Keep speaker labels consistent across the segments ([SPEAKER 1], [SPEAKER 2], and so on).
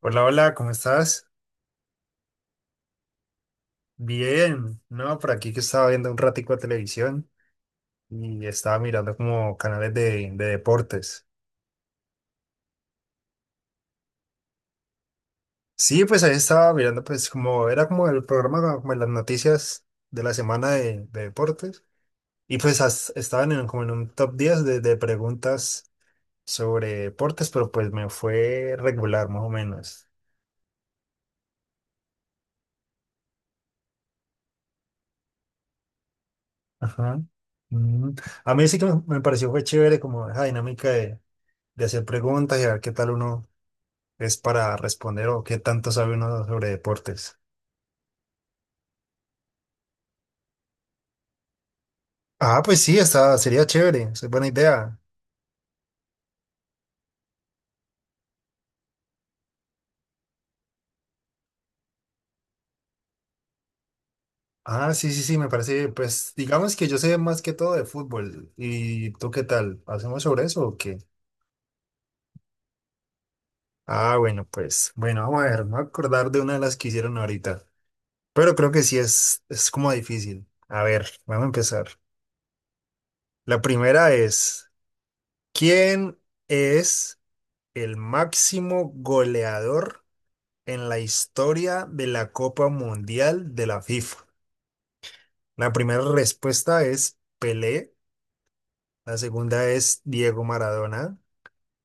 [SPEAKER 1] Hola, hola, ¿cómo estás? Bien, no, por aquí que estaba viendo un ratico de televisión y estaba mirando como canales de deportes. Sí, pues ahí estaba mirando, pues como era como el programa, como las noticias de la semana de deportes. Y pues estaban como en un top 10 de preguntas sobre deportes, pero pues me fue regular, más o menos. Ajá. Mm. A mí sí que me pareció fue chévere como esa dinámica de hacer preguntas y a ver qué tal uno es para responder o qué tanto sabe uno sobre deportes. Ah, pues sí, sería chévere, es buena idea. Ah, sí, sí, sí, me parece, pues digamos que yo sé más que todo de fútbol. ¿Y tú qué tal? ¿Hacemos sobre eso o qué? Ah, bueno, pues, bueno, vamos a ver, me voy a acordar de una de las que hicieron ahorita, pero creo que sí es como difícil. A ver, vamos a empezar. La primera es, ¿quién es el máximo goleador en la historia de la Copa Mundial de la FIFA? La primera respuesta es Pelé, la segunda es Diego Maradona,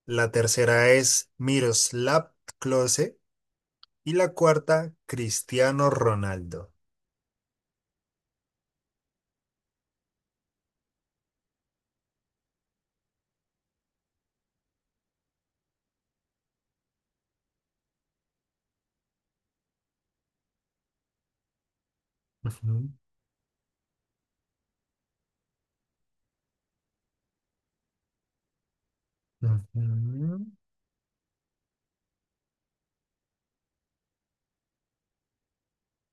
[SPEAKER 1] la tercera es Miroslav Klose y la cuarta Cristiano Ronaldo. Ujú, ujú.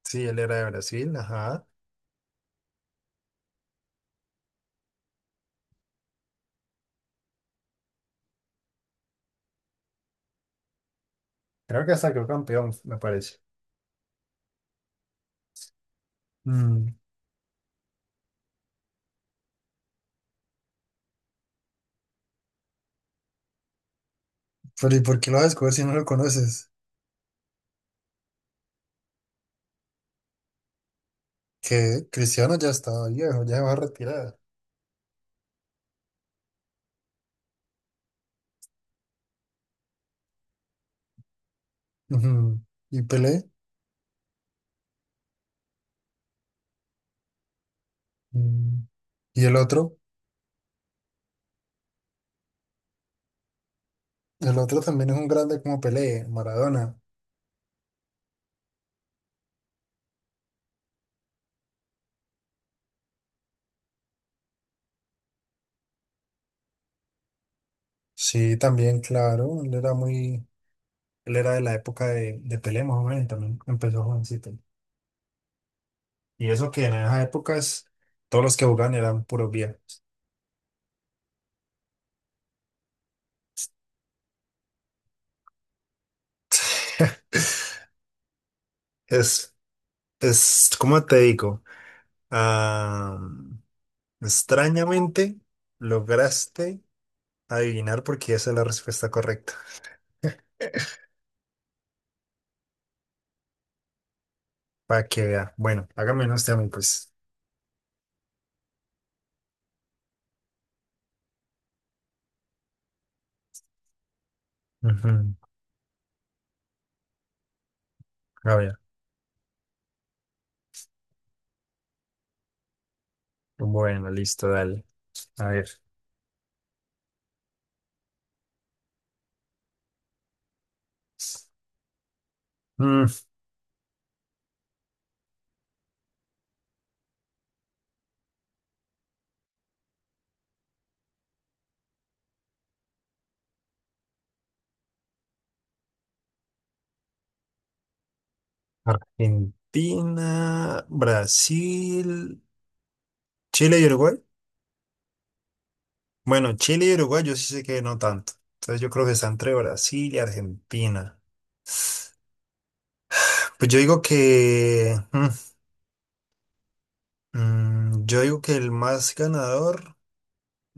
[SPEAKER 1] Sí, él era de Brasil, ajá. Creo que hasta quedó campeón, me parece. Mm, pero ¿y por qué lo vas a descubrir si no lo conoces? Que Cristiano ya está viejo, ya se va a retirar. Ujú. ¿Y Pelé? Mm. Y el otro también es un grande como Pelé, Maradona. Sí, también, claro, él era de la época de Pelé, más o menos, y también empezó jovencito. Y eso que en esas épocas todos los que jugaban eran puros viejos. Es, es, ¿cómo te digo? Ah, extrañamente lograste adivinar porque esa es la respuesta correcta. Para que vea. Bueno, hágame unos temas, pues. Ujú. A ver. Bueno, listo, dale. A ver. mm, Argentina, Brasil, Chile y Uruguay. Bueno, Chile y Uruguay yo sí sé que no tanto. Entonces yo creo que está entre Brasil y Argentina. Pues yo digo que el más ganador.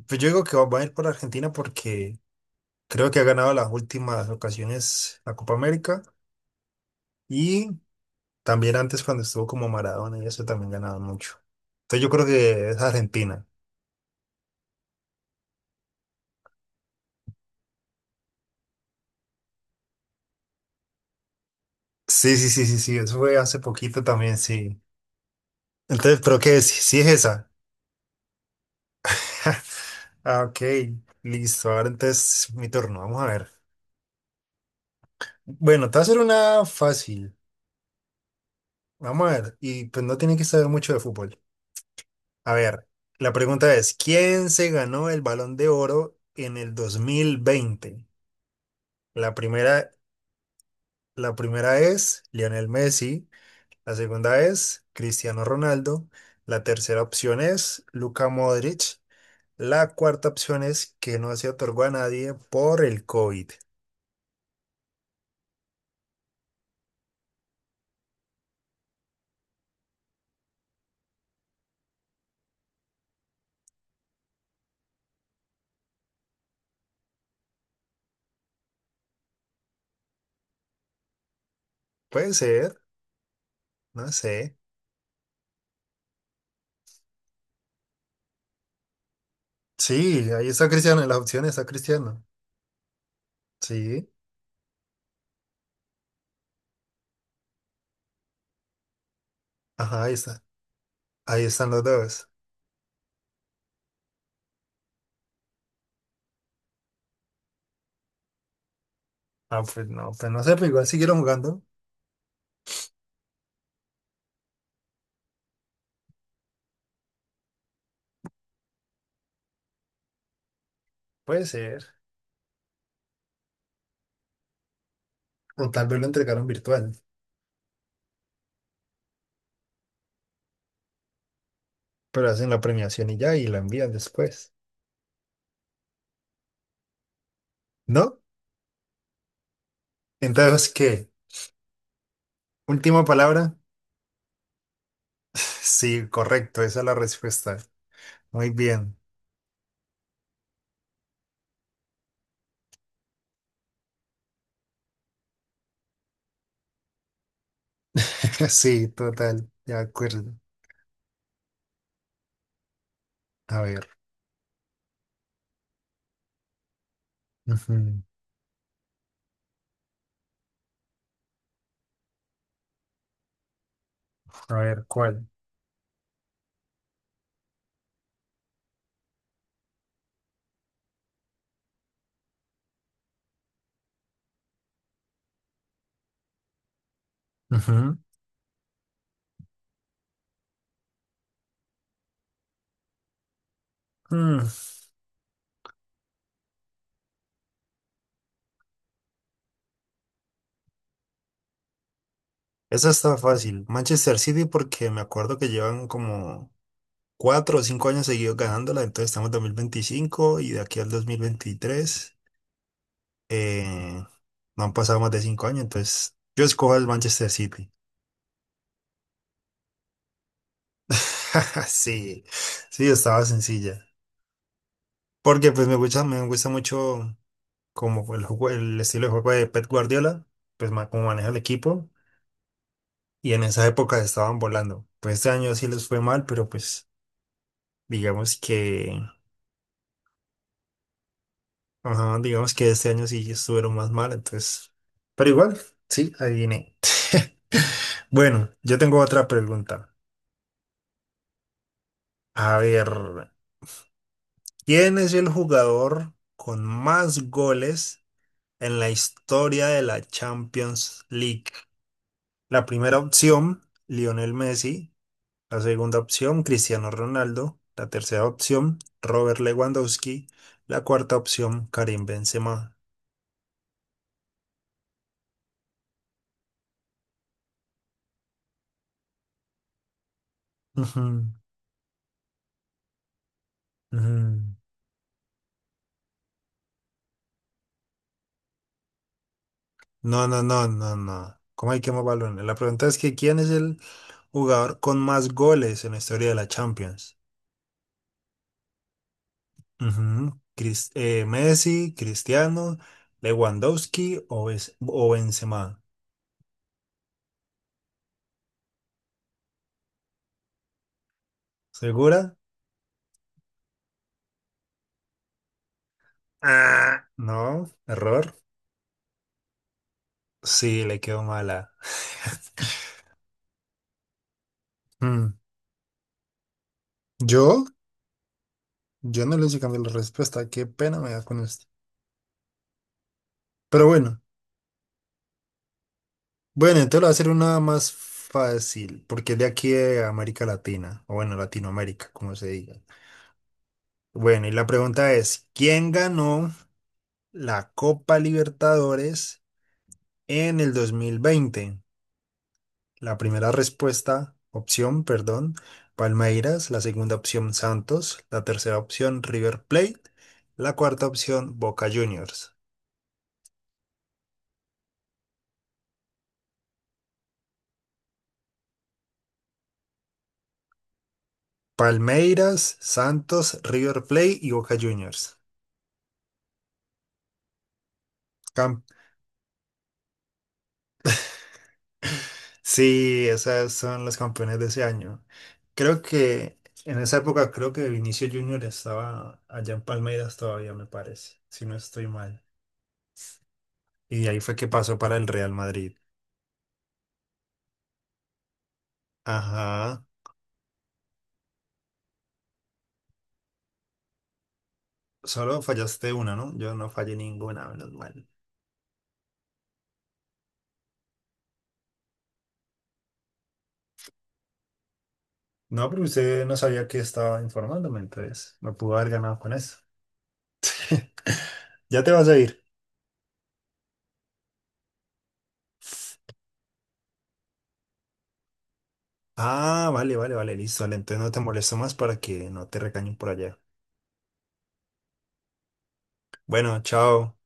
[SPEAKER 1] Pues yo digo que va a ir por Argentina porque creo que ha ganado las últimas ocasiones la Copa América y también antes cuando estuvo como Maradona y eso también ganaban mucho. Entonces yo creo que es Argentina. Sí, sí, sí, sí, sí, eso fue hace poquito también, sí. Entonces, ¿pero qué es? Sí, sí es esa. Ok, listo. Ahora entonces mi turno, vamos a ver. Bueno, te voy a hacer una fácil. Vamos a ver, y pues no tiene que saber mucho de fútbol. A ver, la pregunta es, ¿quién se ganó el Balón de Oro en el 2020? La primera, la primera es Lionel Messi, la segunda es Cristiano Ronaldo, la tercera opción es Luka Modric. La cuarta opción es que no se otorgó a nadie por el COVID. Puede ser, no sé. Sí, ahí está Cristiano, en las opciones está Cristiano. Sí, ajá, ahí está. Ahí están los dos. Ah, pues no sé, pero igual siguieron jugando. Puede ser. O tal vez lo entregaron virtual, pero hacen la premiación y ya, y la envían después. ¿No? Entonces, ¿qué? ¿Última palabra? Sí, correcto, esa es la respuesta. Muy bien. Sí, total, de acuerdo. A ver. Ujú. A ver, ¿cuál? Ujú. Mm, Esa está fácil. Manchester City porque me acuerdo que llevan como 4 o 5 años seguidos ganándola, entonces estamos en 2025 y de aquí al 2023 eh, no han pasado más de 5 años, entonces yo escojo el Manchester City. Sí, sí, estaba sencilla. Porque pues me gusta mucho como el juego, el estilo de juego de Pep Guardiola, pues cómo maneja el equipo y en esa época estaban volando. Pues este año sí les fue mal, pero pues Digamos que, ajá, digamos que este año sí estuvieron más mal, entonces, pero igual, sí, adiviné. Bueno, yo tengo otra pregunta. A ver, ¿quién es el jugador con más goles en la historia de la Champions League? La primera opción, Lionel Messi. La segunda opción, Cristiano Ronaldo. La tercera opción, Robert Lewandowski. La cuarta opción, Karim Benzema. Ujú, ujú. No, no, no, no, no. ¿Cómo hay que más balones? La pregunta es que ¿quién es el jugador con más goles en la historia de la Champions? Ujú. Messi, Cristiano, Lewandowski o Benzema. ¿Segura? Ah, no, error. Sí, le quedó mala. Mm, ¿Yo? Yo no le hice cambiar la respuesta. Qué pena me da con esto. Pero bueno. Bueno, entonces lo voy a hacer una más fácil, porque es de aquí de América Latina, o bueno, Latinoamérica, como se diga. Bueno, y la pregunta es, ¿quién ganó la Copa Libertadores en el 2020? La primera respuesta, opción, perdón, Palmeiras, la segunda opción, Santos, la tercera opción, River Plate, la cuarta opción, Boca Juniors. Palmeiras, Santos, River Plate y Boca Juniors. Sí, esas son las campeonas de ese año. Creo que en esa época, creo que Vinicio Junior estaba allá en Palmeiras todavía, me parece, si no estoy mal. Y ahí fue que pasó para el Real Madrid. Ajá, solo fallaste una, ¿no? Yo no fallé ninguna, menos mal. No, pero usted no sabía que estaba informándome, entonces me pudo haber ganado con eso. Ya te vas a ir. Ah, vale, vale, vale, listo. Vale, entonces no te molesto más para que no te recañen por allá. Bueno, chao.